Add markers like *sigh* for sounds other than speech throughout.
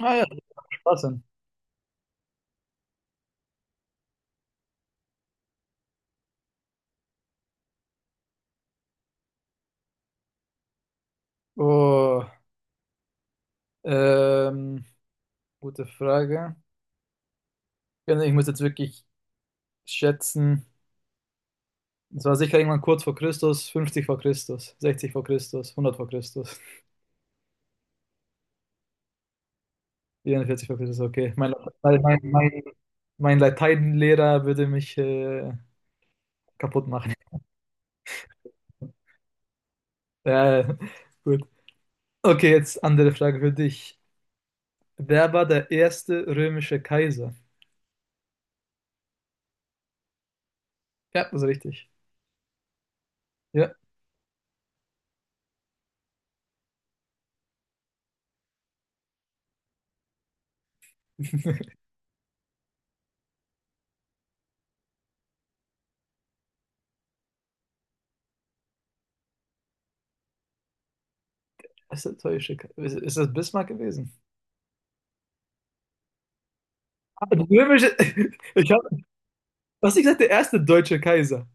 Ah ja, Spaß denn? Oh, ähm, gute Frage. Ja, nee, ich muss jetzt wirklich schätzen. Es war sicher irgendwann kurz vor Christus, 50 vor Christus, 60 vor Christus, 100 vor Christus, 44 vor Christus, okay. Mein, mein, mein mein Lateinlehrer würde mich kaputt machen. *laughs* Ja, gut. Okay, jetzt andere Frage für dich. Wer war der erste römische Kaiser? Ja, das ist richtig. Ja, *laughs* erste römische Ist das Bismarck gewesen? Römische, *laughs* Ich hab, was ich gesagt, der erste deutsche Kaiser.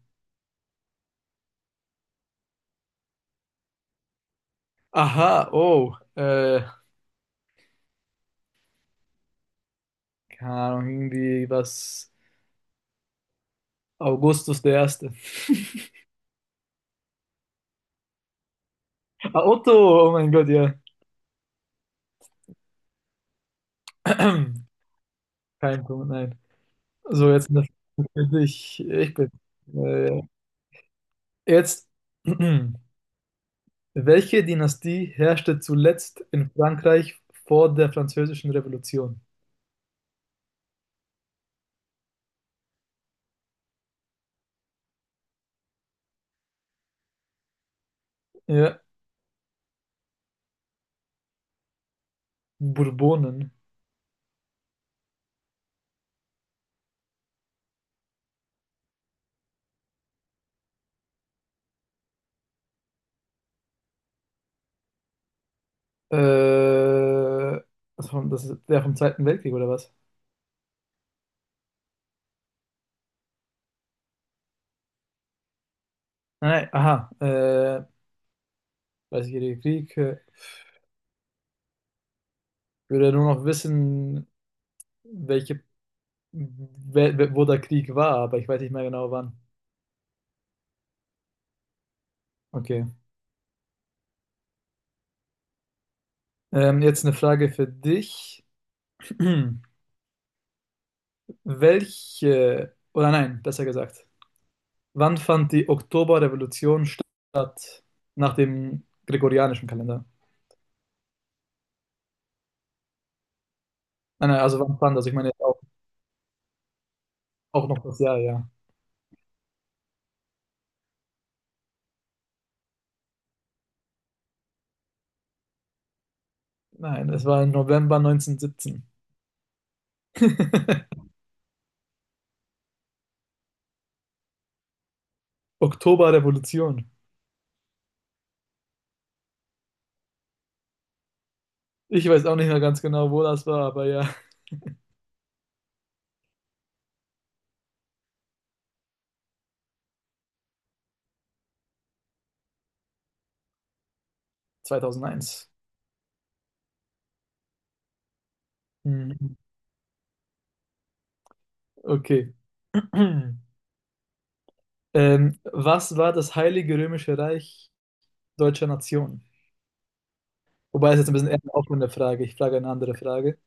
Aha, oh, keine Ahnung, irgendwie was, Augustus der Erste. Ah, Otto, oh mein Gott, ja. *clears throat* Kein Punkt, nein. So, jetzt eine Frage für dich. Äh, jetzt, *clears throat* welche Dynastie herrschte zuletzt in Frankreich vor der Französischen Revolution? Ja, Bourbonen. Äh, das ist der vom Zweiten Weltkrieg, oder was? Nein, aha, Dreißigjähriger Krieg. Ich würde ja nur noch wissen, welche, wo der Krieg war, aber ich weiß nicht mehr genau wann. Okay. Jetzt eine Frage für dich. *clears throat* Oder nein, besser gesagt, wann fand die Oktoberrevolution statt? Nach dem gregorianischen Kalender. Nein, nein, also ich meine jetzt auch, auch noch das Jahr, ja. Nein, es war im November 1917. *laughs* Oktoberrevolution. Ich weiß auch nicht mehr ganz genau, wo das war, aber ja, 2001. Hm, okay. *clears throat* Was war das Heilige Römische Reich deutscher Nation? Wobei es jetzt ein bisschen eher eine offene Frage. Ich frage eine andere Frage.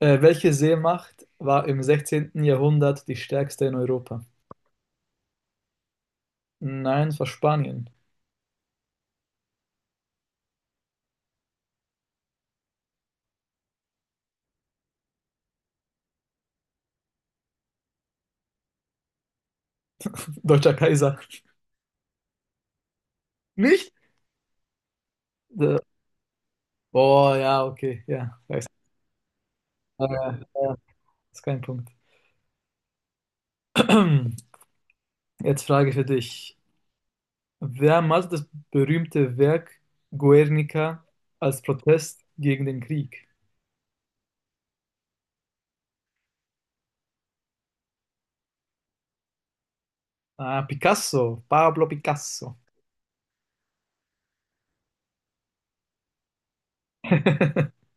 Welche Seemacht war im 16. Jahrhundert die stärkste in Europa? Nein, es war Spanien. *laughs* Deutscher Kaiser. Nicht? Äh, boah, ja, okay, ja. Weiß. Äh, äh, ist kein Punkt. *clears throat* Jetzt frage ich für dich. Wer malte das berühmte Werk Guernica als Protest gegen den Krieg? Ah, Picasso, Pablo Picasso. *laughs*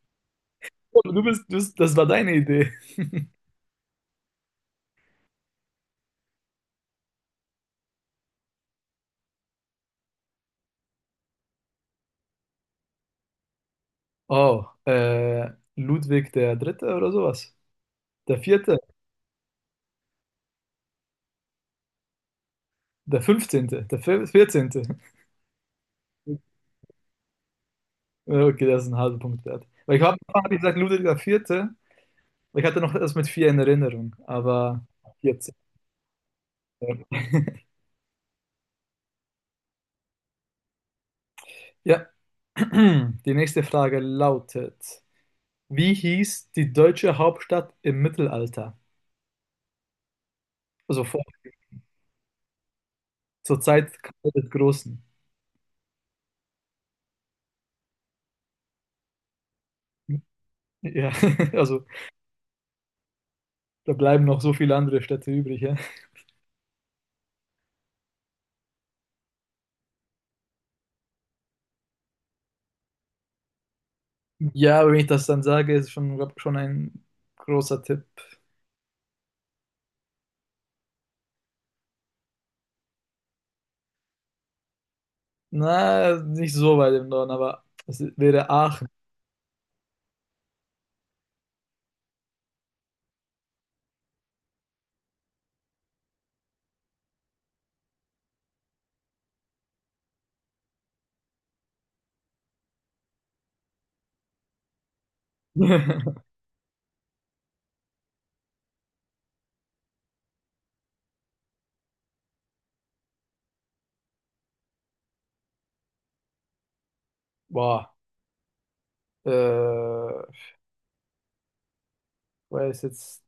Oh, das war deine Idee. Oh, Ludwig der Dritte oder sowas? Der Vierte, der Fünfzehnte, der Vierzehnte. Ja, okay, das ist ein halber Punkt wert. Weil ich habe hab ich gesagt Ludwig der Vierte, weil ich hatte noch das mit vier in Erinnerung, aber 14. Ja, *clears throat* die nächste Frage lautet. Wie hieß die deutsche Hauptstadt im Mittelalter? Also vor, zur Zeit Karl des Großen. Ja, *laughs* also da bleiben noch so viele andere Städte übrig. Ja, ja, aber wenn ich das dann sage, ist schon, glaub, schon ein großer Tipp. Na, nicht so weit im Norden, aber es wäre Aachen. *laughs* Boah, äh, ich weiß jetzt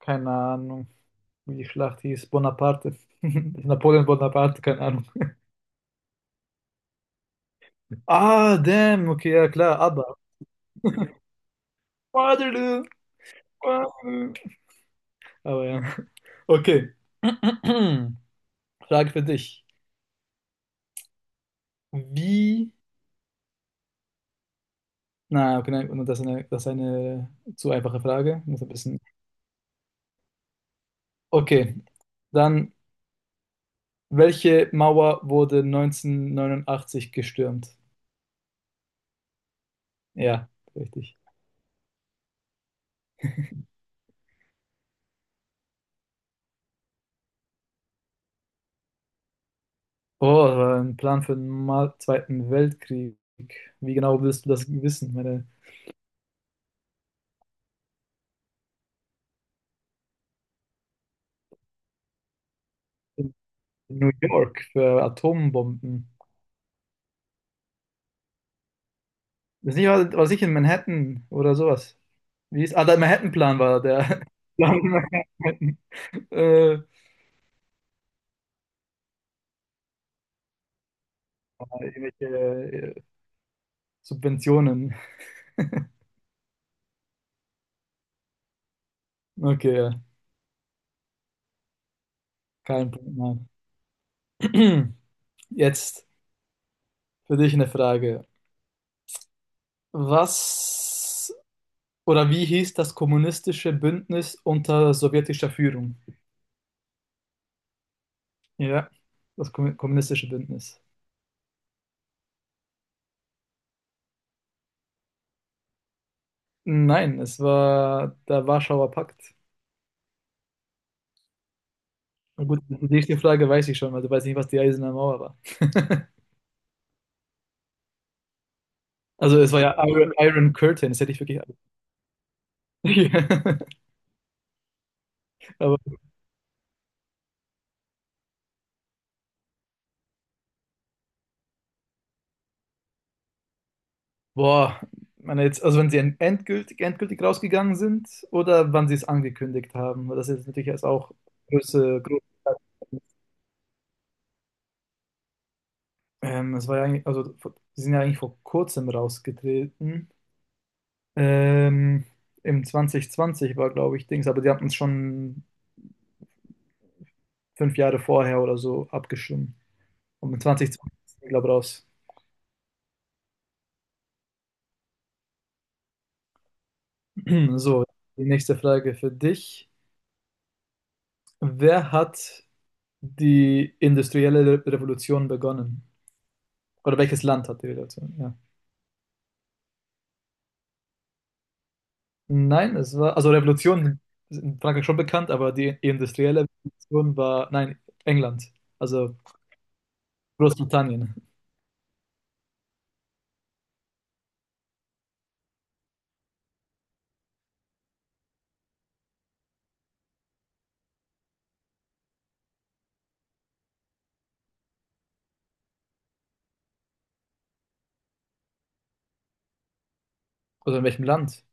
keine Ahnung, wie die Schlacht hieß. Bonaparte. *laughs* Napoleon Bonaparte, keine Ahnung. Ah, damn, okay, ja klar, aber. Waterloo. Waterloo. Aber ja. *laughs* Okay. *clears throat* Frage für dich. Wie. Na, okay, nein, das ist eine zu einfache Frage. Muss ein bisschen. Okay. Dann, welche Mauer wurde 1989 gestürmt? Ja, richtig. Oh, das war ein Plan für den Zweiten Weltkrieg. Wie genau willst du das wissen? Meine New York für Atombomben. Das nicht, war sicher in Manhattan oder sowas. Wie ist, ah, der Manhattan-Plan war der. *laughs* Plan von Manhattan. Ja, irgendwelche Subventionen. Okay, ja, kein Punkt, nein. *clears throat* Jetzt für dich eine Frage. Was oder wie hieß das kommunistische Bündnis unter sowjetischer Führung? Ja, das kommunistische Bündnis. Nein, es war der Warschauer Pakt. Na gut, die nächste Frage weiß ich schon, weil du weißt nicht, was die Eiserne Mauer war. *laughs* Also es war ja Iron Curtain, das hätte ich wirklich. *laughs* Ja. Boah, ich meine jetzt, also wenn sie endgültig rausgegangen sind oder wann sie es angekündigt haben, weil das ist jetzt natürlich erst auch große, große. Es war ja eigentlich, also sie sind ja eigentlich vor kurzem rausgetreten. Ähm, im 2020 war, glaube ich, Dings, aber die hatten es schon 5 Jahre vorher oder so abgestimmt. Und in 2020 sind die, glaube ich, raus. *clears throat* So, die nächste Frage für dich. Wer hat die industrielle Revolution begonnen? Oder welches Land hat die Revolution? Ja. Nein, es war, also Revolution ist in Frankreich schon bekannt, aber die industrielle Revolution war, nein, England. Also Großbritannien. Oder in welchem Land?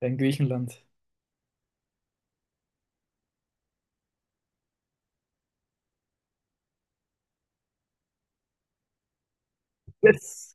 In Griechenland. Yes.